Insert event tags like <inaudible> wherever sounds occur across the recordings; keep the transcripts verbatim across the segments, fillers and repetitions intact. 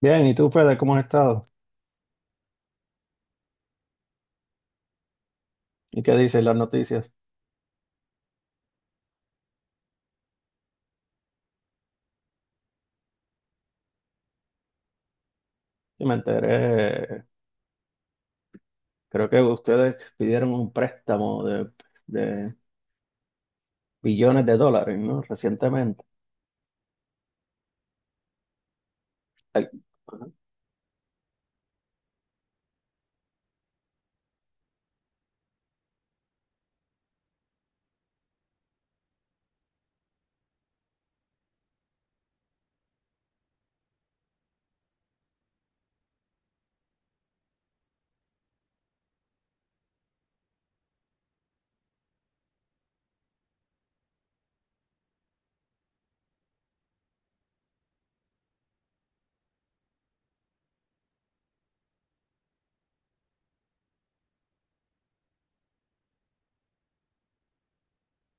Bien, ¿y tú, Fede, cómo has estado? ¿Y qué dicen las noticias? Sí, me enteré, creo que ustedes pidieron un préstamo de, de billones de dólares, ¿no? Recientemente. Ay, ajá.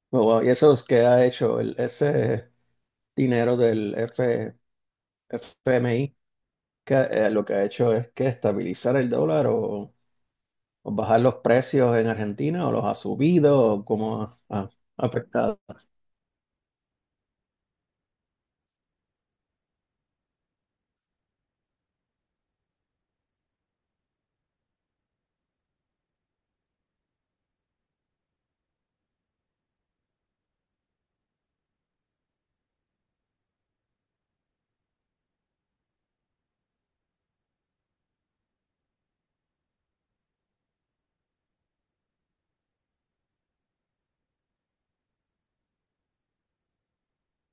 Bueno, ¿y eso es que ha hecho el, ese dinero del F- FMI? Que, eh, lo que ha hecho es que estabilizar el dólar o, o bajar los precios en Argentina o los ha subido o cómo ha, ha afectado.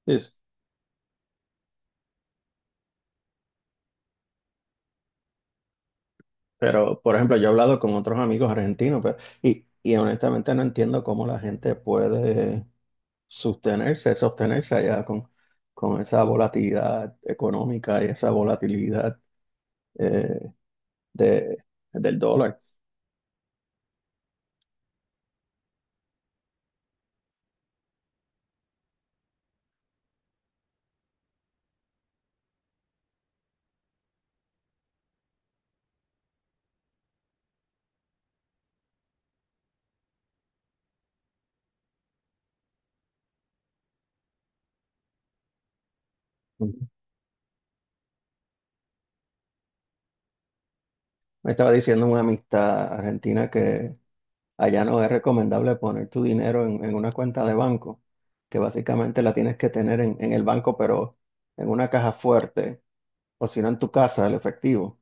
Sí, sí. Pero, por ejemplo, yo he hablado con otros amigos argentinos, pero, y, y honestamente no entiendo cómo la gente puede sostenerse, sostenerse allá con, con esa volatilidad económica y esa volatilidad eh, de, del dólar. Ujú. Me estaba diciendo una amistad argentina que allá no es recomendable poner tu dinero en, en una cuenta de banco, que básicamente la tienes que tener en, en el banco, pero en una caja fuerte, o si no en tu casa, el efectivo.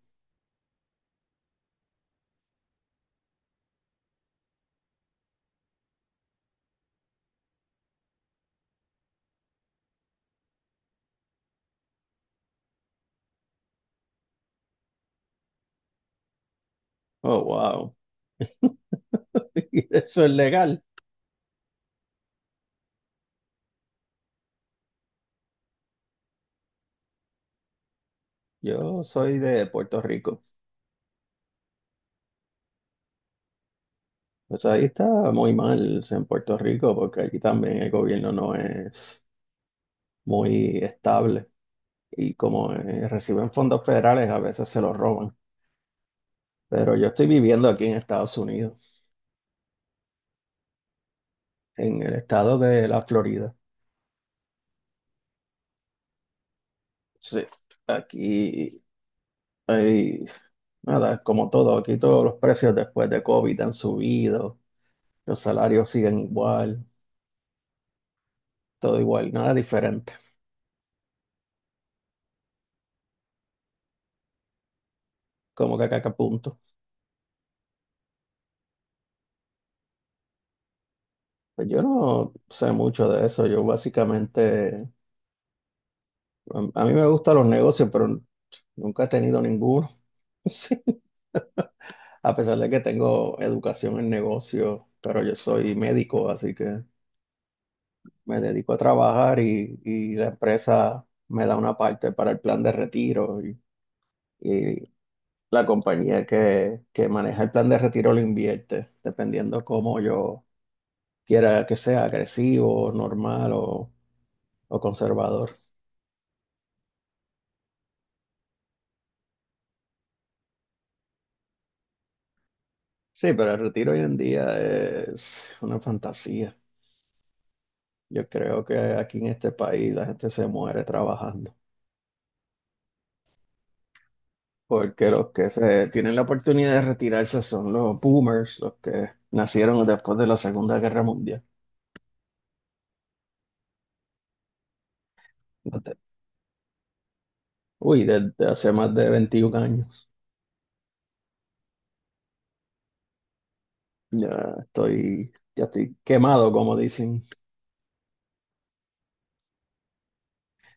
Oh, wow. <laughs> Eso es legal. Yo soy de Puerto Rico. Pues ahí está muy mal en Puerto Rico porque aquí también el gobierno no es muy estable y como eh, reciben fondos federales a veces se los roban. Pero yo estoy viviendo aquí en Estados Unidos, en el estado de la Florida. Sí, aquí hay, nada, como todo, aquí todos los precios después de COVID han subido, los salarios siguen igual, todo igual, nada diferente, como que acá, acá punto. Pues yo no sé mucho de eso. Yo básicamente, a, a mí me gustan los negocios, pero nunca he tenido ninguno. <laughs> Sí. A pesar de que tengo educación en negocios, pero yo soy médico, así que me dedico a trabajar y, y la empresa me da una parte para el plan de retiro y, y la compañía que, que maneja el plan de retiro lo invierte, dependiendo cómo yo quiera que sea, agresivo, normal o, o conservador. Sí, pero el retiro hoy en día es una fantasía. Yo creo que aquí en este país la gente se muere trabajando, porque los que se tienen la oportunidad de retirarse son los boomers, los que nacieron después de la Segunda Guerra Mundial. Desde- Uy, desde hace más de veintiún años. Ya estoy, ya estoy quemado, como dicen.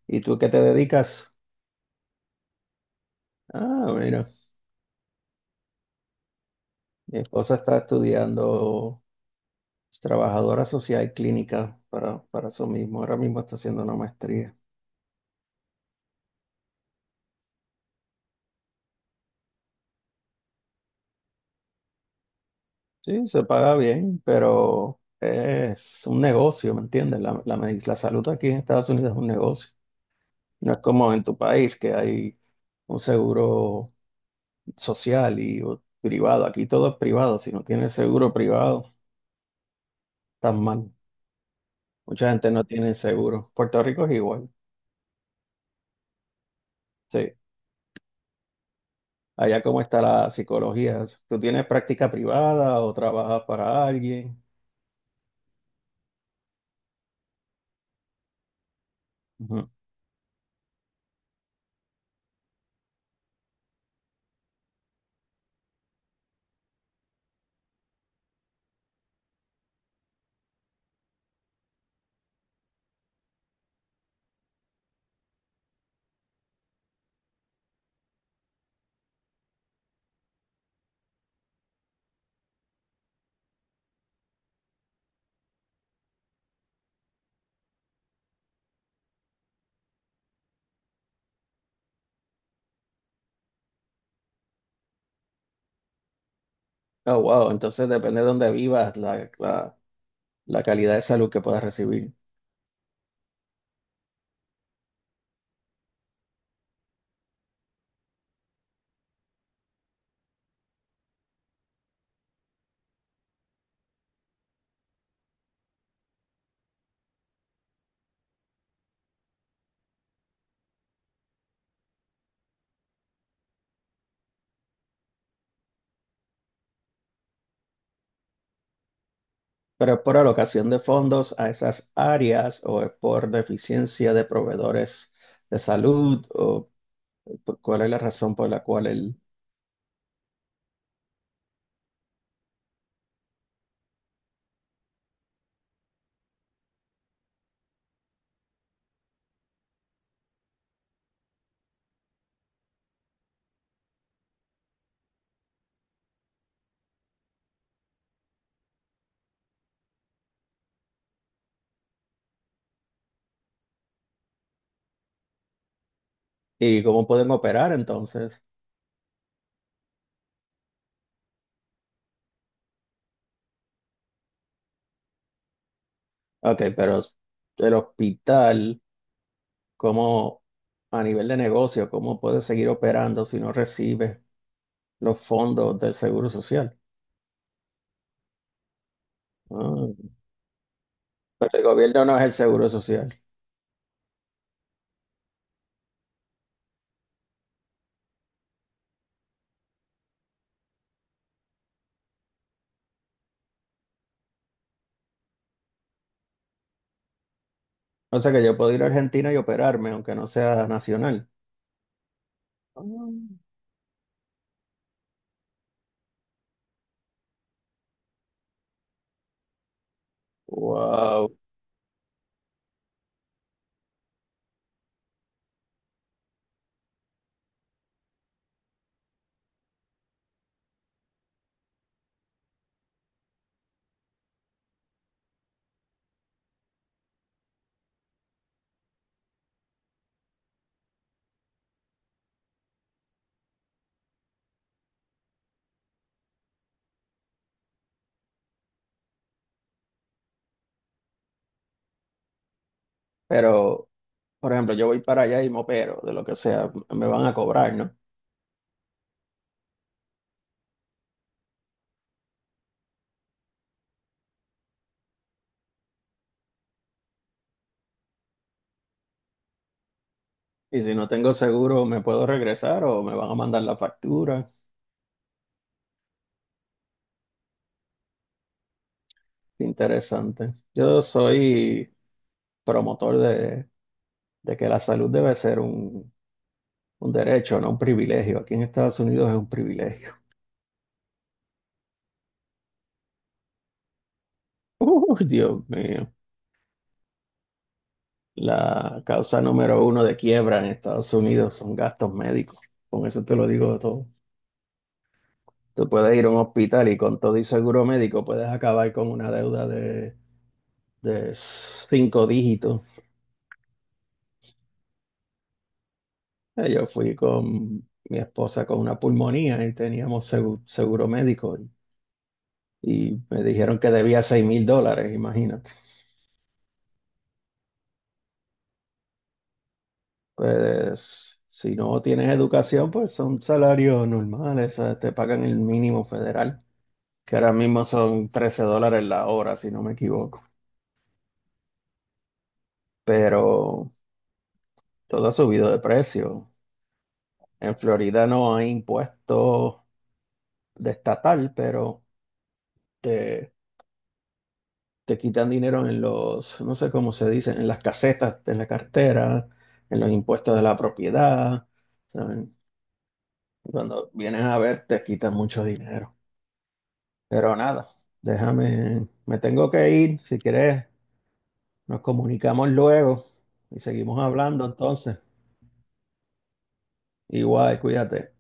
¿Y tú qué te dedicas? Ah, mira, mi esposa está estudiando es trabajadora social clínica para, para eso mismo. Ahora mismo está haciendo una maestría. Sí, se paga bien, pero es un negocio, ¿me entiendes? La, la, medic- la salud aquí en Estados Unidos es un negocio. No es como en tu país que hay un seguro social y o- privado. Aquí todo es privado. Si no tienes seguro privado, estás mal. Mucha gente no tiene seguro. Puerto Rico es igual. Sí. Allá cómo está la psicología. ¿Tú tienes práctica privada o trabajas para alguien? Ujú. Oh, wow. Entonces depende de dónde vivas, la, la la calidad de salud que puedas recibir. Pero es por alocación de fondos a esas áreas o es por deficiencia de proveedores de salud o por- cuál es la razón por la cual el... Y cómo pueden operar entonces. Ok, pero el hospital, ¿cómo a nivel de negocio, cómo puede seguir operando si no recibe los fondos del Seguro Social? Ah, pero el gobierno no es el Seguro Social. O sea que yo puedo ir a Argentina y operarme, aunque no sea nacional. Ah, wow. Pero, por ejemplo, yo voy para allá y me opero, de lo que sea, me van a cobrar, ¿no? Y si no tengo seguro, ¿me puedo regresar o me van a mandar la factura? Interesante. Yo soy promotor de, de que la salud debe ser un, un derecho, no un privilegio. Aquí en Estados Unidos es un privilegio. <laughs> Uy, Dios mío. La causa número uno de quiebra en Estados Unidos son gastos médicos. Con eso te lo digo todo. Tú puedes ir a un hospital y con todo y seguro médico puedes acabar con una deuda de de cinco dígitos. Eh, Yo fui con mi esposa con una pulmonía y teníamos segu- seguro médico y me dijeron que debía seis mil dólares, imagínate. Pues si no tienes educación, pues son salarios normales, eh, te pagan el mínimo federal, que ahora mismo son trece dólares la hora, si no me equivoco. Pero todo ha subido de precio. En Florida no hay impuestos de estatal, pero... de te quitan dinero en los, no sé cómo se dice, en las casetas, en la cartera, en los impuestos de la propiedad, ¿saben? Cuando vienes a ver, te quitan mucho dinero. Pero nada, déjame, me tengo que ir. Si quieres, nos comunicamos luego y seguimos hablando entonces. Igual, cuídate.